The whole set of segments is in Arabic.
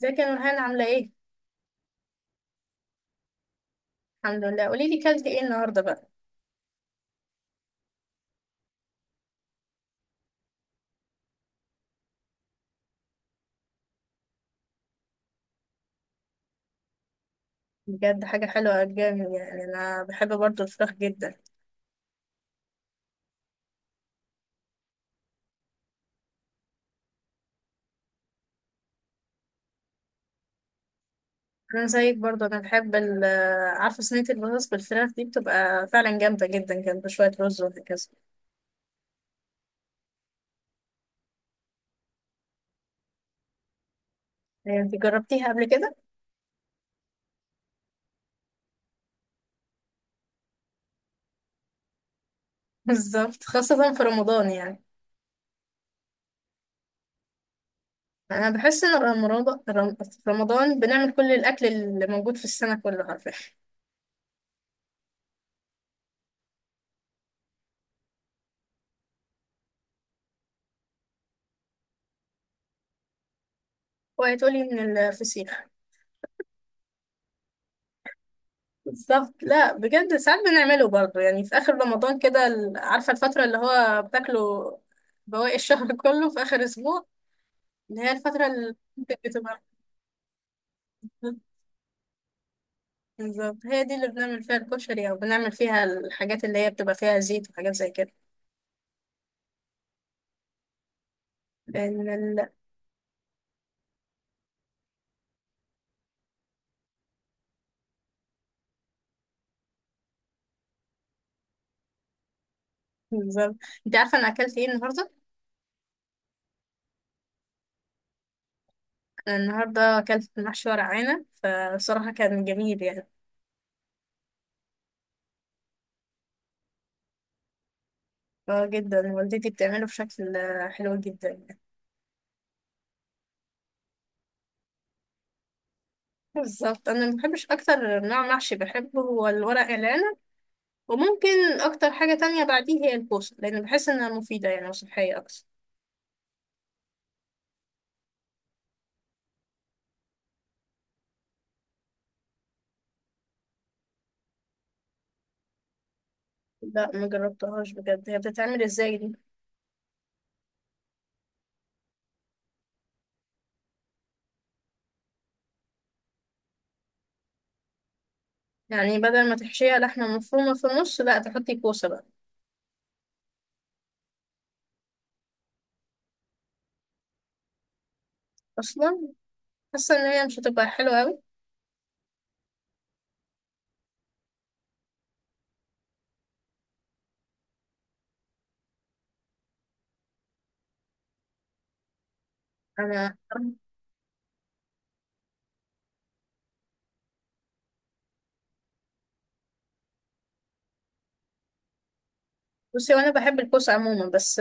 ازيك يا نورهان عاملة ايه؟ الحمد لله، قولي لي كلت ايه النهاردة بقى؟ بجد حاجة حلوة جامد، يعني انا بحب برضو الفراخ جدا. انا زيك برضو، انا بحب ال آه، عارفة صينية البطاطس بالفراخ دي بتبقى فعلا جامدة جدا جنب شوية رز وهكذا. يعني انت جربتيها قبل كده؟ بالظبط، خاصة في رمضان يعني. انا بحس ان في رمضان بنعمل كل الاكل اللي موجود في السنة كله، عارفة. وهتقولي من الفسيخ. بالظبط، لا بجد ساعات بنعمله برضه، يعني في اخر رمضان كده عارفه الفتره اللي هو بتاكله بواقي الشهر كله في اخر اسبوع، اللي هي الفتره اللي بتبقى. بالظبط، هي دي اللي بنعمل فيها الكشري، او بنعمل فيها الحاجات اللي هي بتبقى فيها زيت وحاجات زي كده، لان بالظبط. انت عارفه انا اكلت ايه النهارده؟ أنا النهارده اكلت محشي ورق عنب، فبصراحه كان جميل يعني. اه جدا، والدتي بتعمله بشكل حلو جدا. بالظبط، انا ما بحبش، اكتر نوع محشي بحبه هو الورق العنب. وممكن اكتر حاجه تانية بعديه هي الكوسه، لان بحس انها مفيده يعني وصحيه اكتر. لا ما جربتهاش، بجد هي بتتعمل ازاي دي؟ يعني بدل ما تحشيها لحمه مفرومه في النص لا تحطي كوسه بقى اصلا؟ حاسه ان هي مش هتبقى حلوه قوي. انا. بصي وانا بحب الكوسه عموما، بس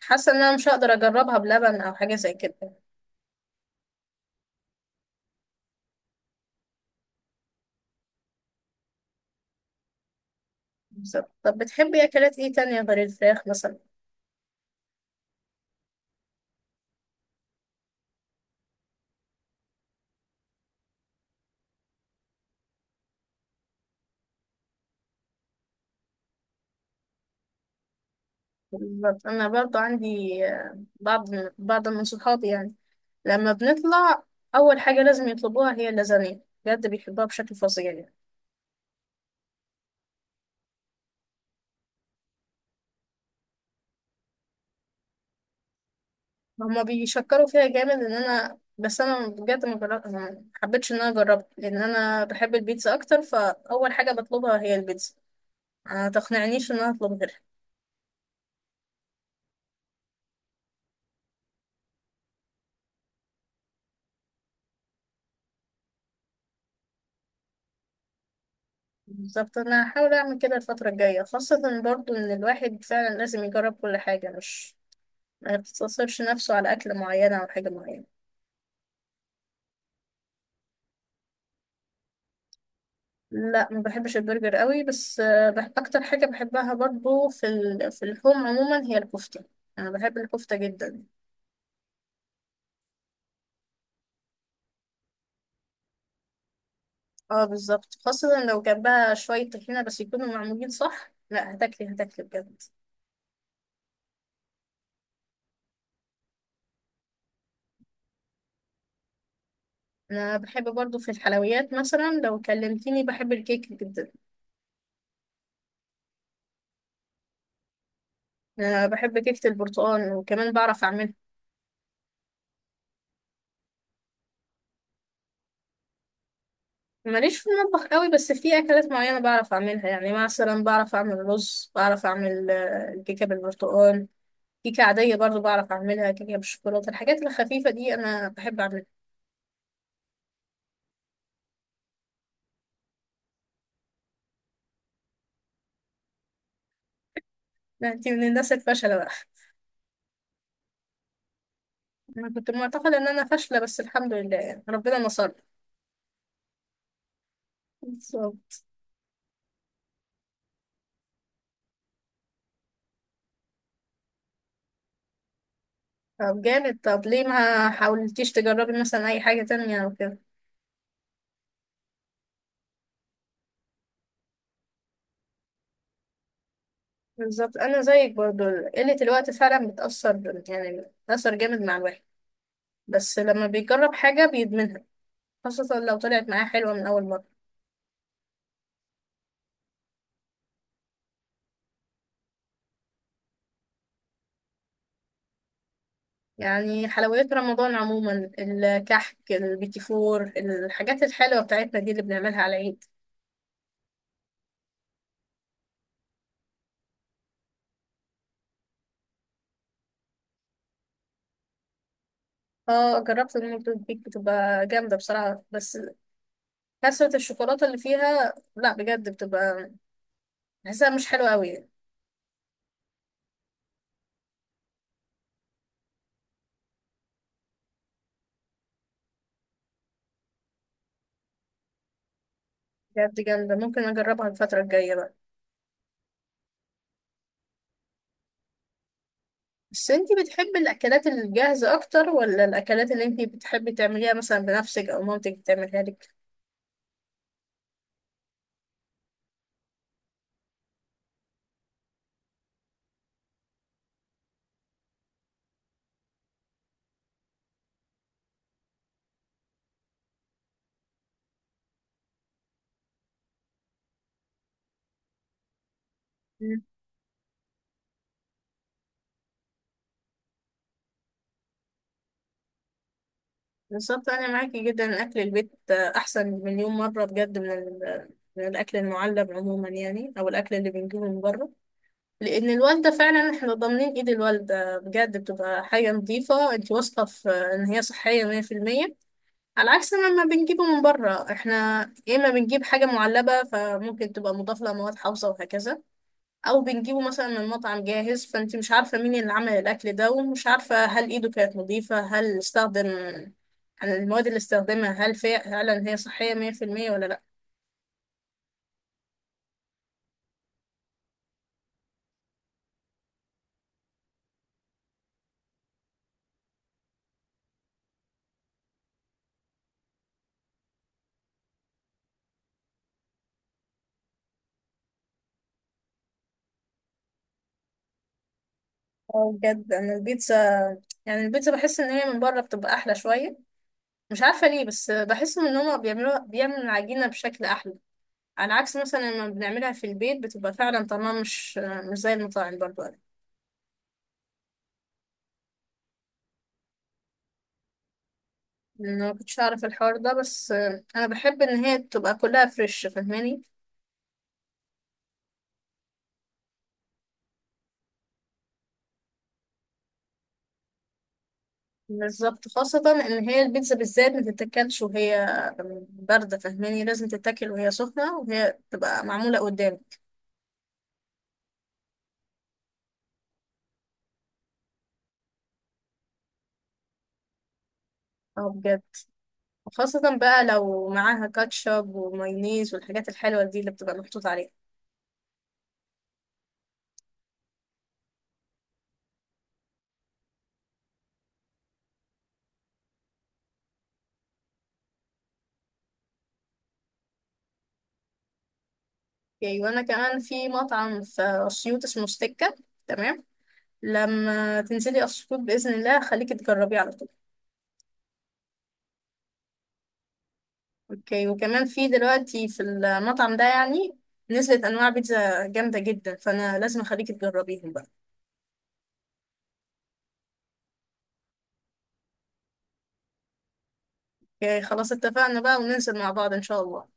حاسه ان انا مش هقدر اجربها بلبن او حاجه زي كده. بالظبط، طب بتحبي اكلات ايه تانية غير الفراخ مثلا؟ بالظبط، انا برضو عندي بعض من صحابي، يعني لما بنطلع اول حاجه لازم يطلبوها هي اللازانيا، بجد بيحبوها بشكل فظيع يعني. هما بيشكروا فيها جامد ان انا، بس انا بجد ما حبيتش ان انا اجربها، لان انا بحب البيتزا اكتر، فاول حاجه بطلبها هي البيتزا. ما تقنعنيش ان انا اطلب غيرها. بالظبط، انا هحاول اعمل كده الفتره الجايه، خاصه برضو ان الواحد فعلا لازم يجرب كل حاجه، مش ما يقتصرش نفسه على اكله معينه او حاجه معينه. لا ما بحبش البرجر قوي، بس آه، بح اكتر حاجه بحبها برضو في اللحوم عموما هي الكفته. انا بحب الكفته جدا. اه بالظبط، خاصه لو جنبها شويه طحينه، بس يكونوا معمولين صح، لا هتاكلي هتاكلي بجد. انا بحب برضو في الحلويات، مثلا لو كلمتيني بحب الكيك جدا. انا بحب كيكه البرتقال وكمان بعرف اعملها. ماليش في المطبخ قوي، بس في اكلات معينه بعرف اعملها، يعني مثلا بعرف اعمل رز، بعرف اعمل الكيكه بالبرتقال. كيكة عادية برضو بعرف أعملها، كيكة بالشوكولاتة، الحاجات الخفيفة دي أنا بحب أعملها. لا، أنت من الناس الفاشلة بقى. أنا كنت معتقدة إن أنا فاشلة، بس الحمد لله يعني ربنا نصرني. بالظبط. طب جامد، طب ليه ما حاولتيش تجربي مثلا أي حاجة تانية أو كده؟ بالظبط أنا زيك برضو، قلة الوقت فعلا بتأثر، يعني بتأثر جامد مع الواحد، بس لما بيجرب حاجة بيدمنها، خاصة لو طلعت معاه حلوة من أول مرة. يعني حلويات رمضان عموما، الكحك، البيتي فور، الحاجات الحلوة بتاعتنا دي اللي بنعملها على العيد. اه جربت المولتون كيك، بتبقى جامدة بصراحة، بس كثرة الشوكولاتة اللي فيها، لا بجد بتبقى، بحسها مش حلوة قوي. بجد جامدة، ممكن أجربها الفترة الجاية بقى. بس انتي بتحبي الأكلات الجاهزة أكتر، ولا الأكلات اللي انتي بتحبي تعمليها مثلا بنفسك، أو مامتك بتعملها لك؟ بالظبط أنا معاكي جدا، أكل البيت أحسن مليون مرة بجد من الأكل المعلب عموما، يعني أو الأكل اللي بنجيبه من بره. لأن الوالدة فعلا، احنا ضامنين إيد الوالدة بجد بتبقى حاجة نظيفة، أنت واثقة في إن هي صحية 100%، على عكس ما بنجيبه من بره احنا. يا إما بنجيب حاجة معلبة، فممكن تبقى مضاف لها مواد حافظة وهكذا، او بنجيبه مثلا من مطعم جاهز، فانت مش عارفه مين اللي عمل الاكل ده، ومش عارفه هل ايده كانت نظيفه، هل استخدم يعني المواد اللي استخدمها هل فعلا هي صحيه 100% ولا لا. اه بجد انا البيتزا، يعني البيتزا بحس ان هي من بره بتبقى احلى شويه، مش عارفه ليه، بس بحس ان هما بيعملوا العجينه بشكل احلى، على عكس مثلا لما بنعملها في البيت بتبقى فعلا طعمها مش زي المطاعم. برضو انا، أنا ما كنتش اعرف الحوار ده، بس انا بحب ان هي تبقى كلها فريش، فاهماني؟ بالظبط، خاصة إن هي البيتزا بالذات ما تتاكلش وهي باردة، فاهماني؟ لازم تتاكل وهي سخنة، وهي تبقى معمولة قدامك. اه بجد، خاصة بقى لو معاها كاتشب ومايونيز والحاجات الحلوة دي اللي بتبقى محطوط عليها. اوكي، وأنا كمان في مطعم في أسيوط اسمه ستيكة. تمام. لما تنزلي أسيوط بإذن الله خليكي تجربيه على طول. اوكي، وكمان في دلوقتي في المطعم ده يعني نزلت أنواع بيتزا جامدة جدا، فأنا لازم أخليكي تجربيهم بقى. اوكي خلاص، اتفقنا بقى، وننزل مع بعض ان شاء الله.